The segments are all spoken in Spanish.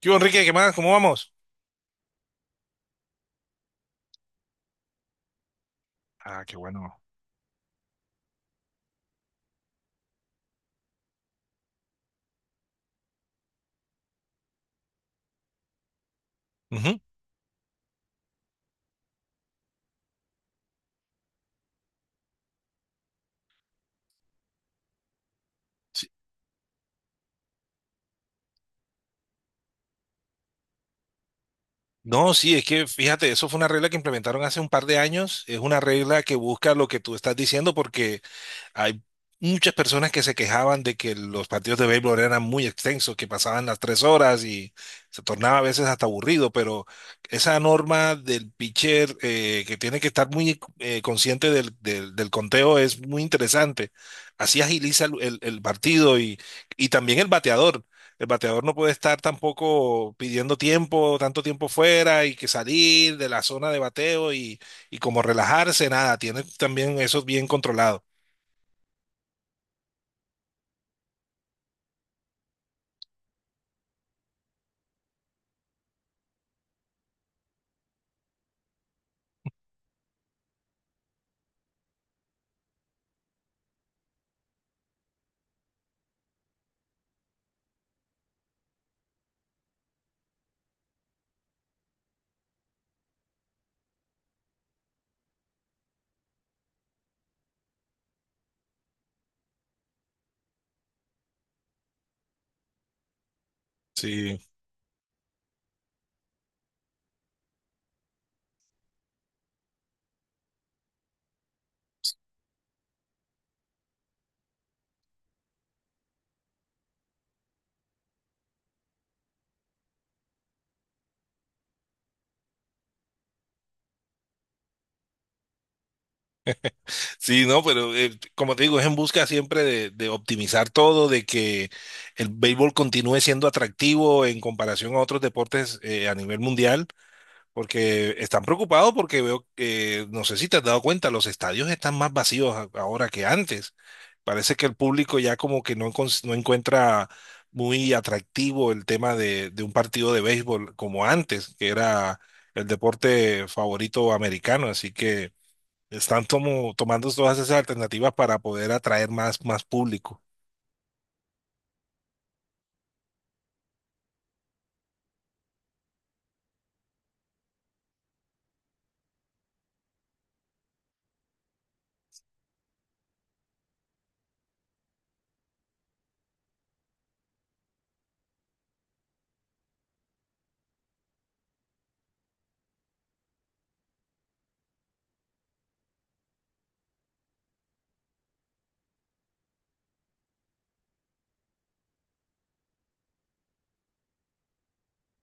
¿Qué hubo, Enrique? ¿Qué más? ¿Cómo vamos? Ah, qué bueno. Ujú. Sí. No, sí, es que fíjate, eso fue una regla que implementaron hace un par de años. Es una regla que busca lo que tú estás diciendo porque hay muchas personas que se quejaban de que los partidos de béisbol eran muy extensos, que pasaban las 3 horas y se tornaba a veces hasta aburrido, pero esa norma del pitcher que tiene que estar muy consciente del conteo es muy interesante. Así agiliza el partido y también el bateador. El bateador no puede estar tampoco pidiendo tiempo, tanto tiempo fuera y que salir de la zona de bateo y como relajarse, nada, tiene también eso bien controlado. Sí, sí, no, pero como te digo, es en busca siempre de optimizar todo, de que el béisbol continúe siendo atractivo en comparación a otros deportes a nivel mundial, porque están preocupados porque veo, que, no sé si te has dado cuenta, los estadios están más vacíos ahora que antes. Parece que el público ya como que no, no encuentra muy atractivo el tema de un partido de béisbol como antes, que era el deporte favorito americano, así que... Están tomando todas esas alternativas para poder atraer más público.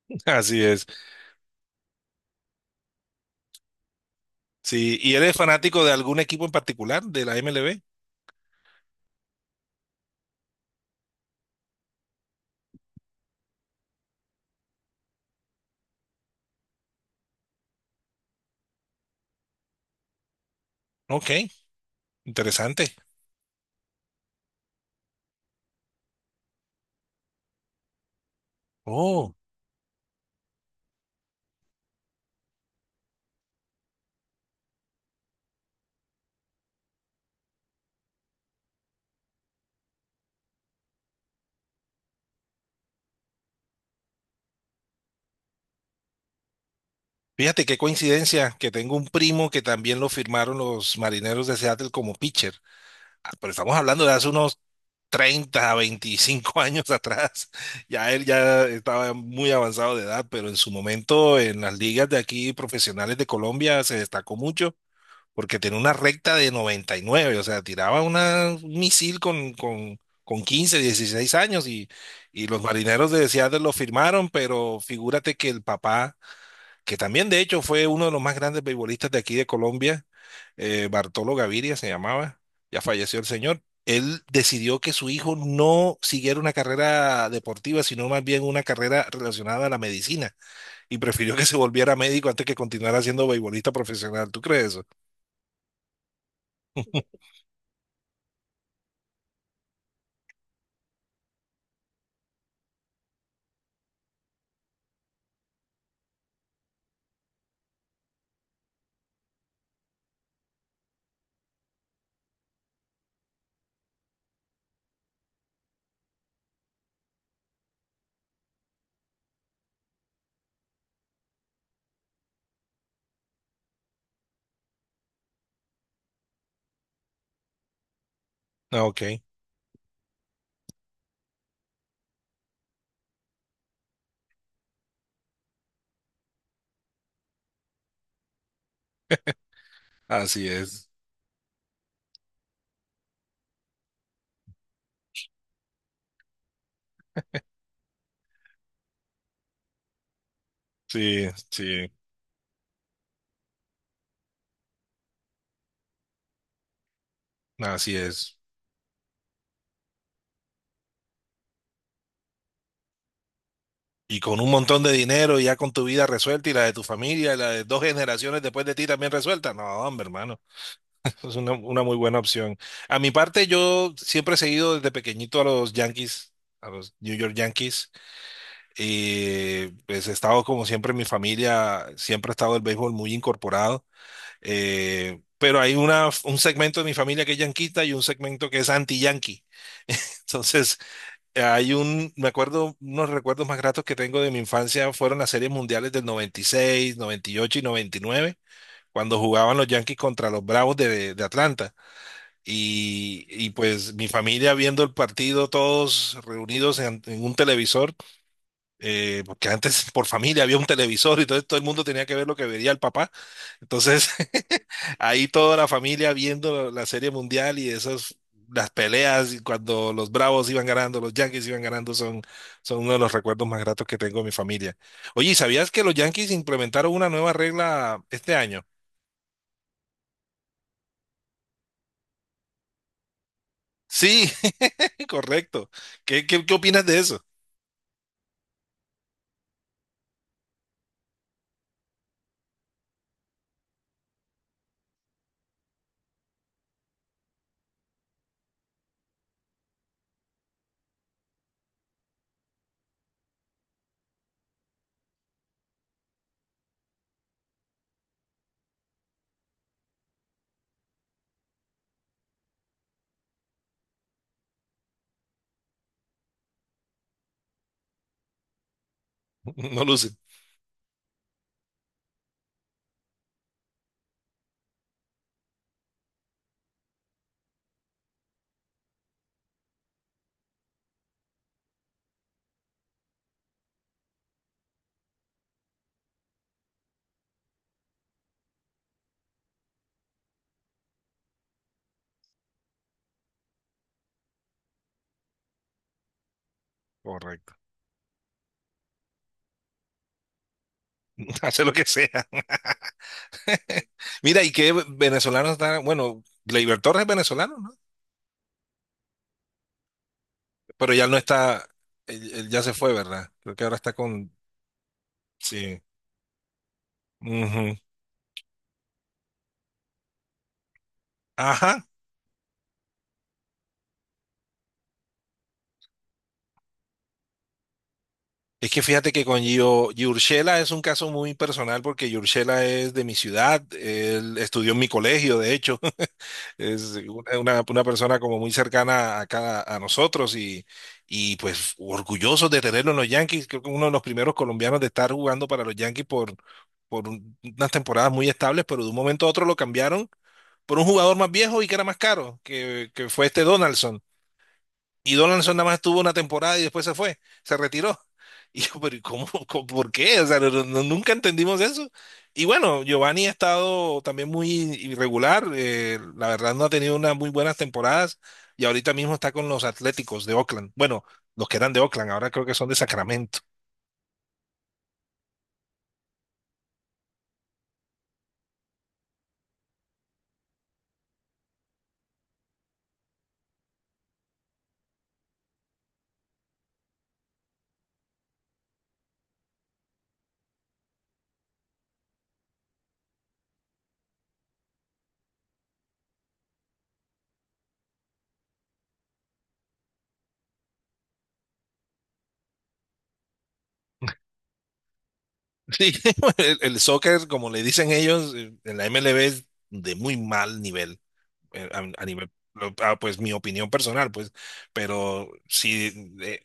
Así es. Sí, ¿y eres fanático de algún equipo en particular de la MLB? Ok, interesante. Oh, fíjate qué coincidencia que tengo un primo que también lo firmaron los Marineros de Seattle como pitcher. Ah, pero estamos hablando de hace unos 30 a 25 años atrás. Ya él ya estaba muy avanzado de edad, pero en su momento en las ligas de aquí profesionales de Colombia se destacó mucho porque tenía una recta de 99, o sea, tiraba una, un misil con 15, 16 años y los marineros de Seattle lo firmaron, pero figúrate que el papá, que también de hecho fue uno de los más grandes beisbolistas de aquí de Colombia, Bartolo Gaviria se llamaba, ya falleció el señor. Él decidió que su hijo no siguiera una carrera deportiva, sino más bien una carrera relacionada a la medicina, y prefirió que se volviera médico antes que continuara siendo beisbolista profesional. ¿Tú crees eso? Ah, ok. Así es, sí, sí, así es. Y con un montón de dinero, y ya con tu vida resuelta y la de tu familia, y la de dos generaciones después de ti también resuelta. No, hombre, hermano, es una muy buena opción. A mi parte, yo siempre he seguido desde pequeñito a los Yankees, a los New York Yankees, y pues he estado como siempre en mi familia, siempre ha estado el béisbol muy incorporado. Pero hay una, un segmento de mi familia que es yanquita y un segmento que es anti-yankee. Entonces, hay un, me acuerdo, unos recuerdos más gratos que tengo de mi infancia fueron las series mundiales del noventa y seis, noventa y ocho y noventa y nueve, cuando jugaban los Yankees contra los Bravos de Atlanta. Y pues mi familia viendo el partido, todos reunidos en un televisor porque antes por familia había un televisor y entonces todo el mundo tenía que ver lo que veía el papá. Entonces, ahí toda la familia viendo la Serie Mundial y esas, las peleas y cuando los Bravos iban ganando, los Yankees iban ganando, son, son uno de los recuerdos más gratos que tengo de mi familia. Oye, ¿sabías que los Yankees implementaron una nueva regla este año? Sí, correcto. ¿Qué opinas de eso? No lucen. Correcto. Hace lo que sea. Mira, y que venezolano está, bueno, Gleyber Torres es venezolano, ¿no? Pero ya no está, él ya se fue, ¿verdad? Creo que ahora está con, sí. Ujú. Ajá. Es que fíjate que con Giurchela es un caso muy personal porque Giurchela es de mi ciudad, él estudió en mi colegio, de hecho, es una persona como muy cercana a cada a nosotros y pues orgullosos de tenerlo en los Yankees. Creo que uno de los primeros colombianos de estar jugando para los Yankees por unas temporadas muy estables, pero de un momento a otro lo cambiaron por un jugador más viejo y que era más caro, que fue este Donaldson. Y Donaldson nada más estuvo una temporada y después se fue, se retiró. Y yo, pero ¿y por qué? O sea, nunca entendimos eso. Y bueno, Giovanni ha estado también muy irregular, la verdad no ha tenido unas muy buenas temporadas y ahorita mismo está con los Atléticos de Oakland. Bueno, los que eran de Oakland, ahora creo que son de Sacramento. Sí, el soccer, como le dicen ellos, en la MLB es de muy mal nivel, a, nivel, pues mi opinión personal, pues, pero sí,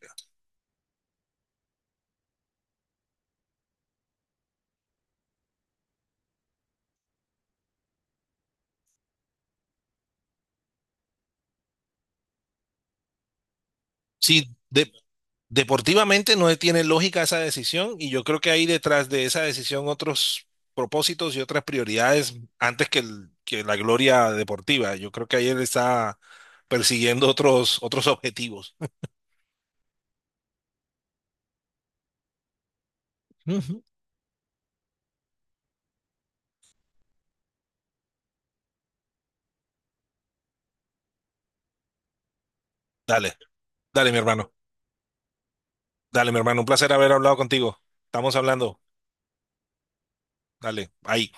sí, deportivamente no tiene lógica esa decisión y yo creo que hay detrás de esa decisión otros propósitos y otras prioridades antes que, que la gloria deportiva. Yo creo que ahí él está persiguiendo otros objetivos. Ujú. Dale, dale, mi hermano. Dale, mi hermano. Un placer haber hablado contigo. Estamos hablando. Dale, ahí.